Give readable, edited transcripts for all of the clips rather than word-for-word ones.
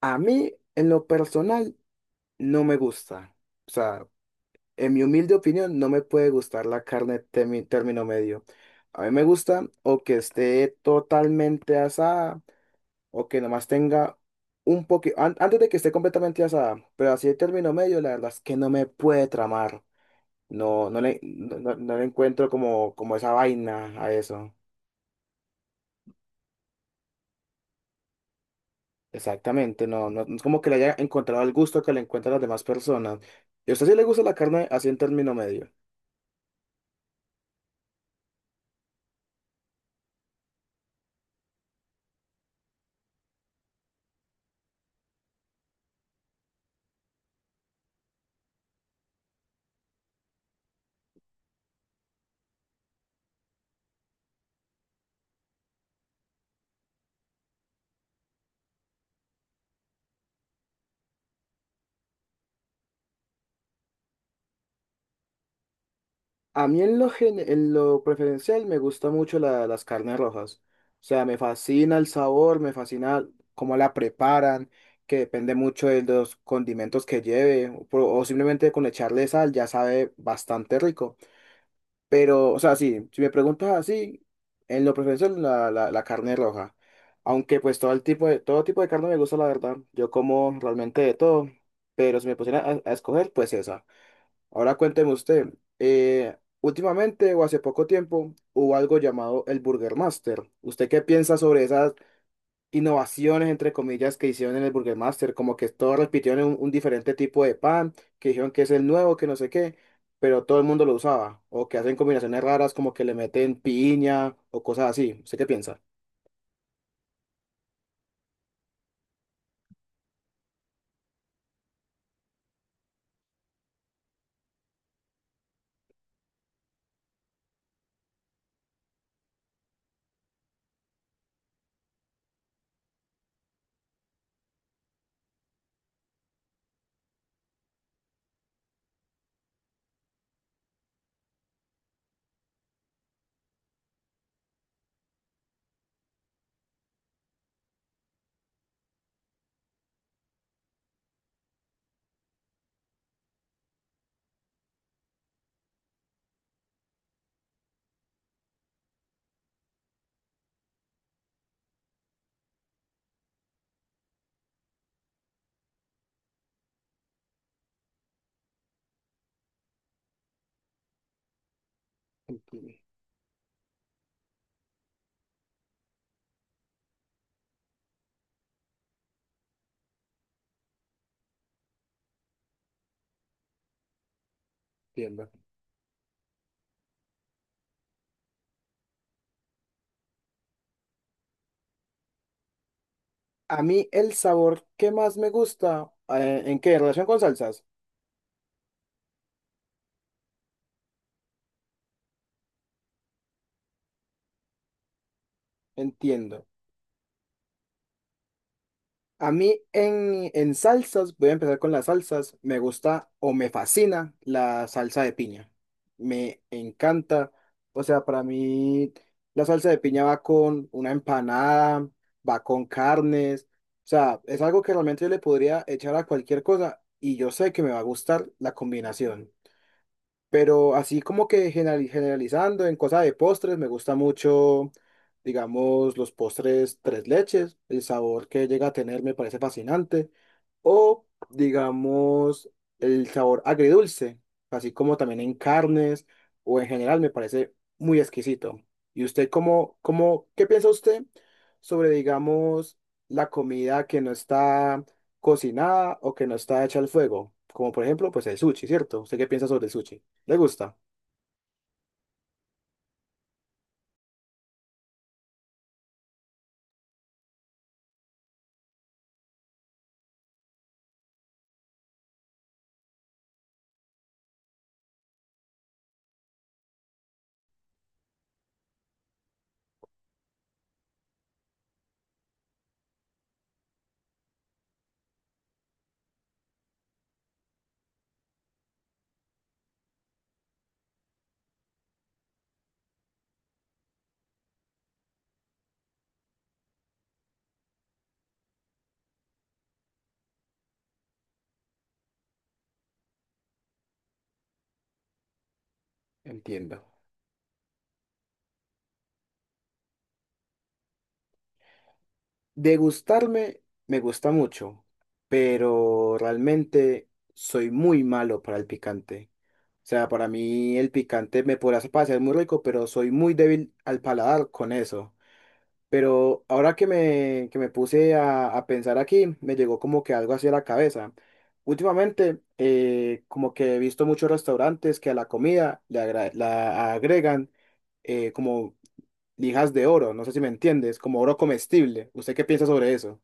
A mí, en lo personal, no me gusta. O sea, en mi humilde opinión, no me puede gustar la carne término medio. A mí me gusta o que esté totalmente asada o que nomás tenga un poquito, antes de que esté completamente asada, pero así de término medio, la verdad es que no me puede tramar. No, no le encuentro como, como esa vaina a eso. Exactamente, no es como que le haya encontrado el gusto que le encuentran las demás personas. ¿Y a usted sí le gusta la carne así en término medio? A mí en lo preferencial me gusta mucho las carnes rojas. O sea, me fascina el sabor, me fascina cómo la preparan, que depende mucho de los condimentos que lleve, o simplemente con echarle sal ya sabe bastante rico. Pero, o sea, sí, si me preguntas así, en lo preferencial la carne roja. Aunque pues todo tipo de carne me gusta, la verdad. Yo como realmente de todo, pero si me pusiera a escoger, pues esa. Ahora cuénteme usted, últimamente o hace poco tiempo hubo algo llamado el Burger Master. ¿Usted qué piensa sobre esas innovaciones, entre comillas, que hicieron en el Burger Master? Como que todos repitieron un diferente tipo de pan, que dijeron que es el nuevo, que no sé qué, pero todo el mundo lo usaba. O que hacen combinaciones raras, como que le meten piña o cosas así. ¿Usted qué piensa? Entiendo. A mí el sabor que más me gusta, ¿en qué? ¿En relación con salsas? Entiendo. A mí en salsas, voy a empezar con las salsas, me gusta o me fascina la salsa de piña. Me encanta. O sea, para mí la salsa de piña va con una empanada, va con carnes. O sea, es algo que realmente yo le podría echar a cualquier cosa y yo sé que me va a gustar la combinación. Pero así como que generalizando en cosas de postres, me gusta mucho, digamos, los postres tres leches. El sabor que llega a tener me parece fascinante. O, digamos, el sabor agridulce, así como también en carnes o en general, me parece muy exquisito. ¿Y usted qué piensa usted sobre, digamos, la comida que no está cocinada o que no está hecha al fuego? Como por ejemplo, pues el sushi, ¿cierto? ¿Usted qué piensa sobre el sushi? ¿Le gusta? Entiendo. Degustarme me gusta mucho, pero realmente soy muy malo para el picante. O sea, para mí el picante me podrá parecer muy rico, pero soy muy débil al paladar con eso. Pero ahora que me puse a pensar aquí, me llegó como que algo hacia la cabeza. Últimamente, como que he visto muchos restaurantes que a la comida la agregan como lijas de oro, no sé si me entiendes, como oro comestible. ¿Usted qué piensa sobre eso?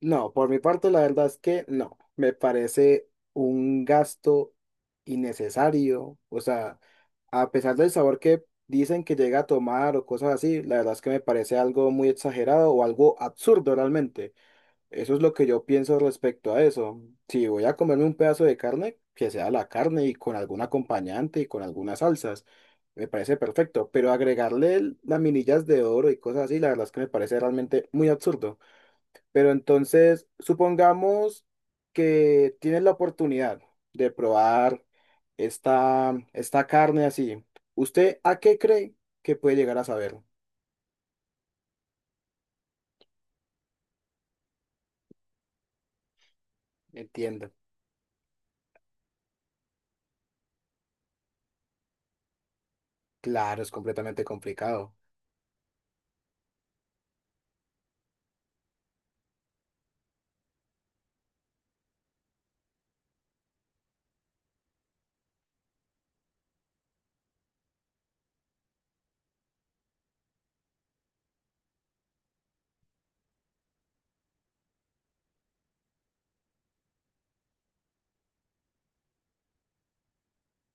No, por mi parte, la verdad es que no. Me parece un gasto innecesario. O sea... A pesar del sabor que dicen que llega a tomar o cosas así, la verdad es que me parece algo muy exagerado o algo absurdo realmente. Eso es lo que yo pienso respecto a eso. Si voy a comerme un pedazo de carne, que sea la carne y con algún acompañante y con algunas salsas, me parece perfecto. Pero agregarle laminillas de oro y cosas así, la verdad es que me parece realmente muy absurdo. Pero entonces, supongamos que tienes la oportunidad de probar esta carne así. ¿Usted a qué cree que puede llegar a saber? Entiendo. Claro, es completamente complicado.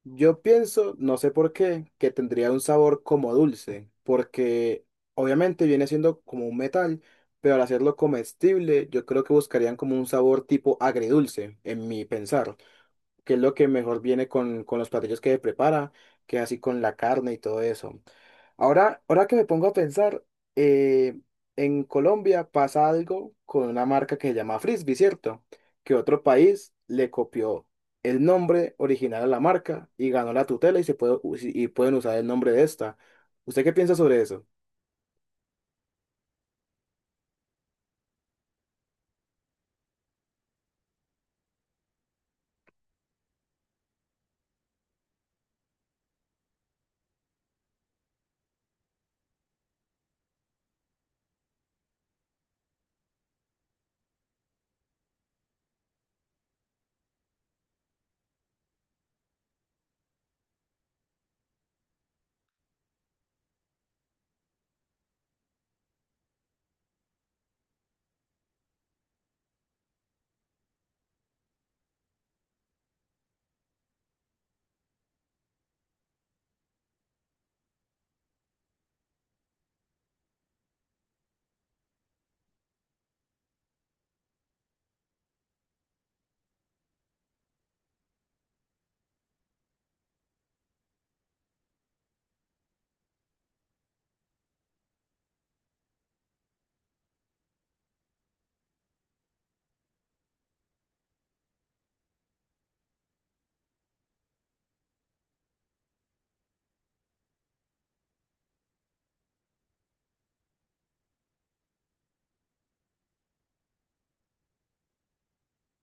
Yo pienso, no sé por qué, que tendría un sabor como dulce, porque obviamente viene siendo como un metal, pero al hacerlo comestible, yo creo que buscarían como un sabor tipo agridulce, en mi pensar, que es lo que mejor viene con los platillos que prepara, que así con la carne y todo eso. Ahora, ahora que me pongo a pensar, eh, en Colombia pasa algo con una marca que se llama Frisby, ¿cierto? Que otro país le copió el nombre original a la marca y ganó la tutela y, se puede, si, y pueden usar el nombre de esta. ¿Usted qué piensa sobre eso?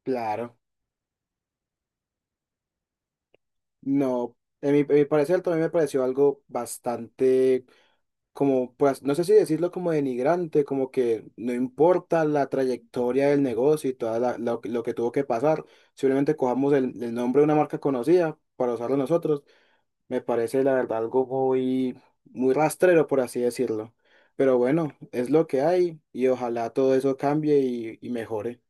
Claro, no. En mi parecer también me pareció algo bastante como, pues, no sé si decirlo como denigrante, como que no importa la trayectoria del negocio y lo que tuvo que pasar, simplemente cojamos el nombre de una marca conocida para usarlo nosotros, me parece la verdad algo muy, muy rastrero, por así decirlo. Pero bueno, es lo que hay y ojalá todo eso cambie y mejore.